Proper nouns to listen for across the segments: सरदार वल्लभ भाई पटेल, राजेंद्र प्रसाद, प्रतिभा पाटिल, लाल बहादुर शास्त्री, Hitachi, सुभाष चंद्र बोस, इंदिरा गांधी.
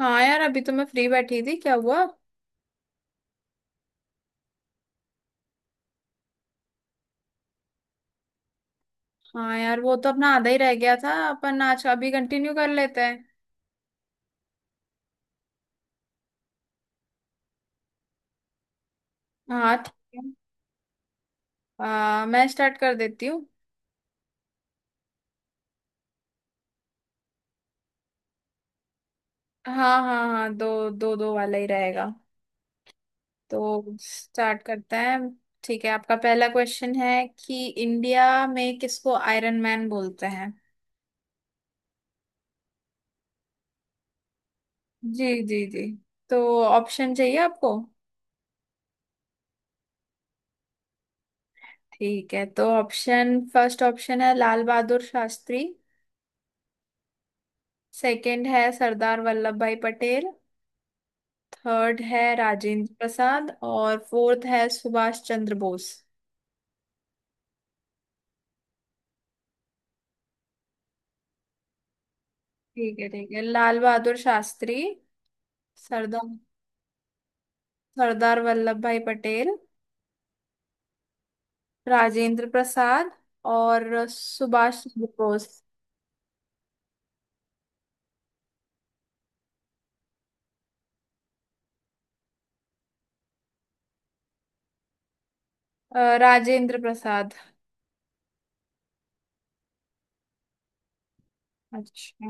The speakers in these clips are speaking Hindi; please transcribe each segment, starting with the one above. हाँ यार, अभी तो मैं फ्री बैठी थी। क्या हुआ? हाँ यार, वो तो अपना आधा ही रह गया था। अपन आज अभी कंटिन्यू कर लेते हैं। हाँ ठीक है। मैं स्टार्ट कर देती हूँ। हाँ हाँ हाँ, दो दो दो वाला ही रहेगा। तो स्टार्ट करते हैं। ठीक है, आपका पहला क्वेश्चन है कि इंडिया में किसको आयरन मैन बोलते हैं? जी जी जी। तो ऑप्शन चाहिए आपको? ठीक है, तो ऑप्शन, फर्स्ट ऑप्शन है लाल बहादुर शास्त्री। सेकंड है सरदार वल्लभ भाई पटेल। थर्ड है राजेंद्र प्रसाद और फोर्थ है सुभाष चंद्र बोस। ठीक है ठीक है। लाल बहादुर शास्त्री, सरदार सरदार वल्लभ भाई पटेल, राजेंद्र प्रसाद और सुभाष चंद्र बोस। राजेंद्र प्रसाद। अच्छा,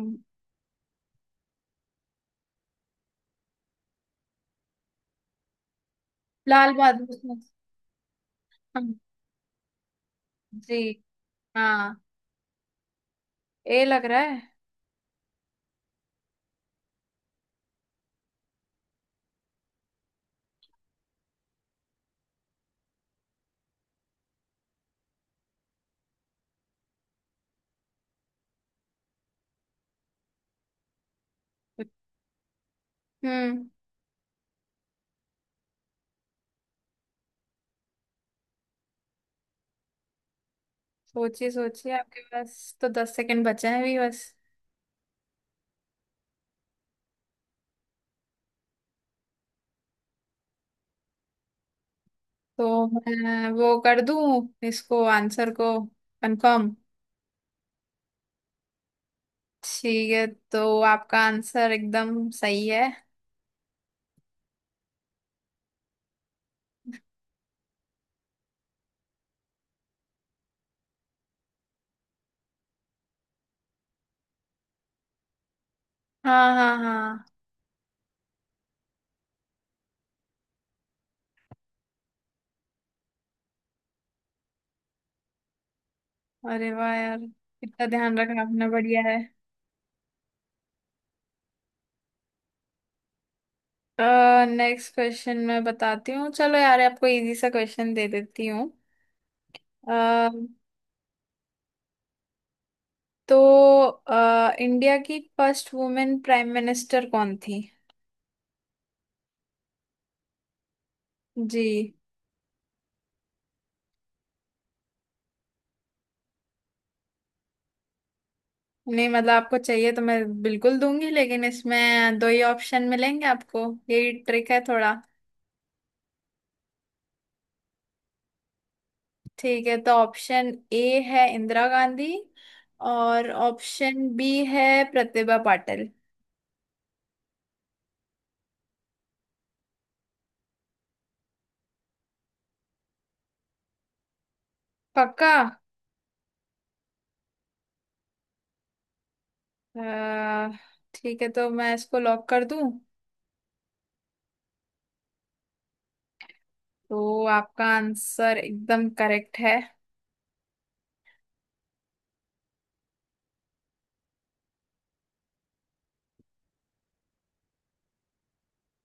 लाल बहादुर शास्त्री, हाँ, जी हाँ। ए लग रहा है। हम्म सोचिए सोचिए, आपके पास तो 10 सेकंड बचे हैं भी बस। तो मैं वो कर दूं इसको, आंसर को कंफर्म? ठीक है, तो आपका आंसर एकदम सही है। हाँ हाँ हाँ। अरे वाह यार, इतना ध्यान रखना आपने, बढ़िया है। नेक्स्ट क्वेश्चन मैं बताती हूँ। चलो यार, आपको इजी सा क्वेश्चन दे देती हूँ। अ, तो इंडिया की फर्स्ट वुमेन प्राइम मिनिस्टर कौन थी? जी। नहीं मतलब आपको चाहिए तो मैं बिल्कुल दूंगी, लेकिन इसमें दो ही ऑप्शन मिलेंगे आपको। यही ट्रिक है थोड़ा। ठीक है, तो ऑप्शन ए है इंदिरा गांधी। और ऑप्शन बी है प्रतिभा पाटिल। पक्का? अ, ठीक है, तो मैं इसको लॉक कर दूं? तो आपका आंसर एकदम करेक्ट है।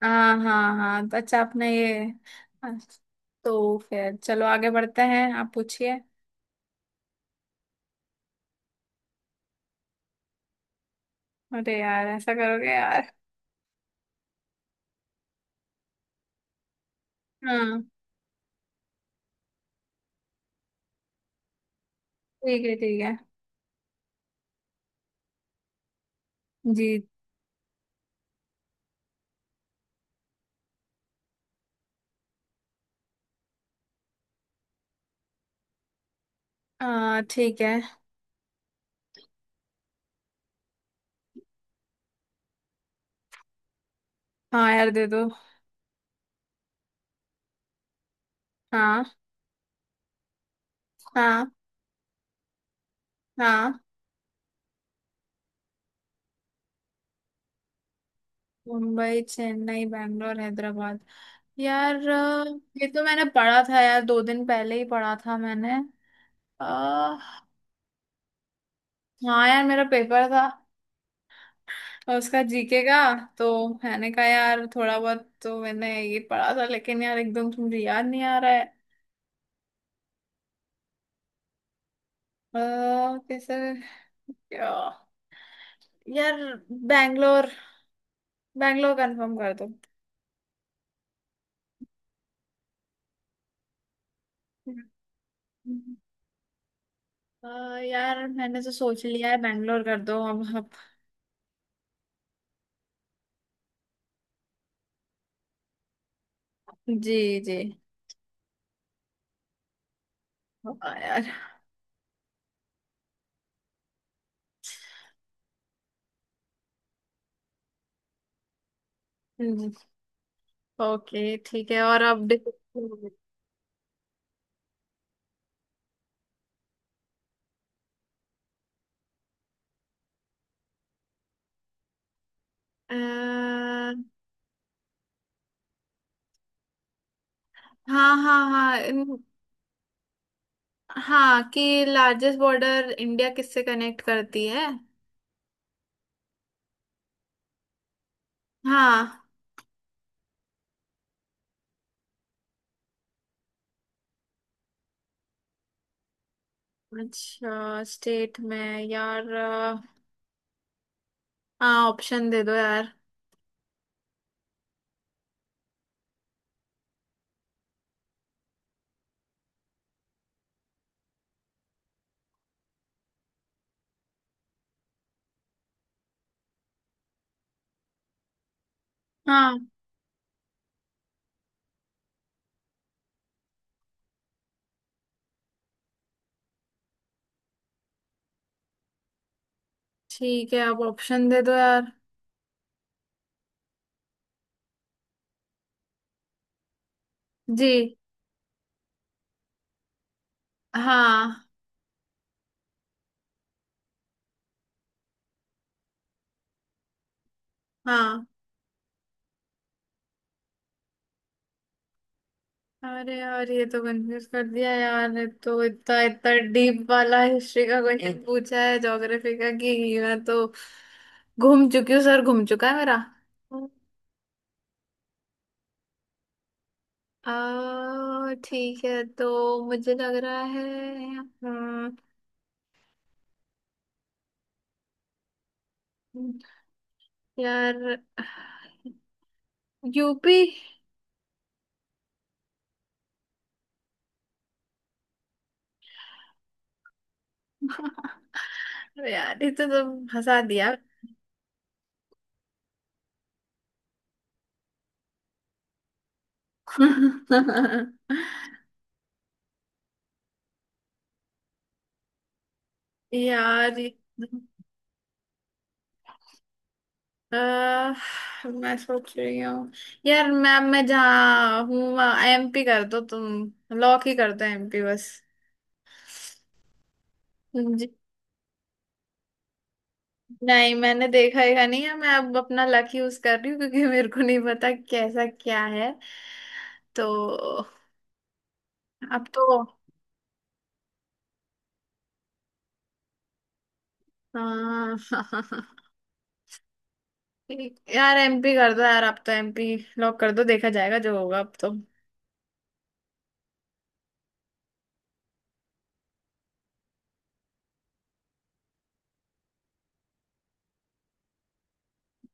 हाँ हाँ हाँ, तो अच्छा आपने ये, हाँ, तो फिर चलो आगे बढ़ते हैं, आप पूछिए। अरे यार, ऐसा करोगे यार? हाँ ठीक है ठीक है। जी। आ ठीक है। हाँ यार, दे दो। हाँ हाँ हाँ, मुंबई चेन्नई बैंगलोर हैदराबाद। यार, ये तो मैंने पढ़ा था यार, 2 दिन पहले ही पढ़ा था मैंने। आ, हाँ यार, मेरा पेपर था। और उसका जीके का। तो मैंने कहा यार, थोड़ा बहुत तो मैंने ये पढ़ा था, लेकिन यार एकदम तुम याद नहीं आ रहा है। अ, कैसे? क्या यार? बैंगलोर, बैंगलोर कंफर्म कर दो। यार, मैंने तो सोच लिया है, बैंगलोर कर दो अब अब। जी जी। हाँ यार। ओके ठीक है। और अब अ, हाँ हाँ हाँ, हाँ, कि लार्जेस्ट बॉर्डर इंडिया किससे कनेक्ट करती है। हाँ, अच्छा स्टेट में। यार, हाँ, ऑप्शन दे दो यार। हाँ ठीक है, अब ऑप्शन दे दो यार। जी, हाँ हाँ। अरे यार, ये तो कंफ्यूज कर दिया यार। ये तो इतना इतना डीप वाला हिस्ट्री का क्वेश्चन पूछा है, ज्योग्राफी का, कि मैं तो घूम चुकी हूँ, सर घूम चुका है मेरा। ठीक है, तो मुझे लग रहा है। यार यूपी। अरे यार, ये तो तुम हंसा दिया। यार, अ, मैं सोच रही हूँ। यार मैम, मैं जहाँ हूँ वहाँ एमपी कर दो तुम। लॉक ही कर दो एमपी बस। नहीं, मैंने देखा ही नहीं है। मैं अब अपना लक यूज कर रही हूँ, क्योंकि मेरे को नहीं पता कैसा क्या है। तो अब तो, हाँ यार एमपी कर दो यार, अब तो एमपी लॉक कर दो, देखा जाएगा जो होगा अब तो।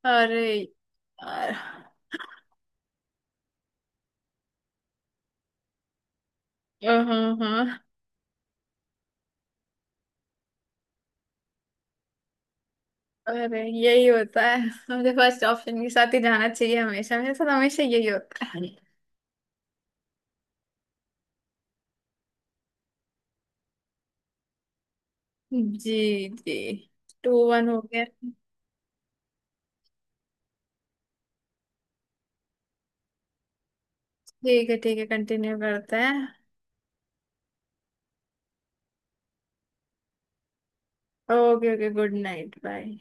अरे यार। हाँ हाँ। अरे यही होता है, मुझे फर्स्ट ऑप्शन के साथ ही जाना चाहिए हमेशा। मेरे साथ हमेशा यही होता है। जी जी। 2-1 हो गया। ठीक है ठीक है, कंटिन्यू करते हैं। Okay okay, good night bye.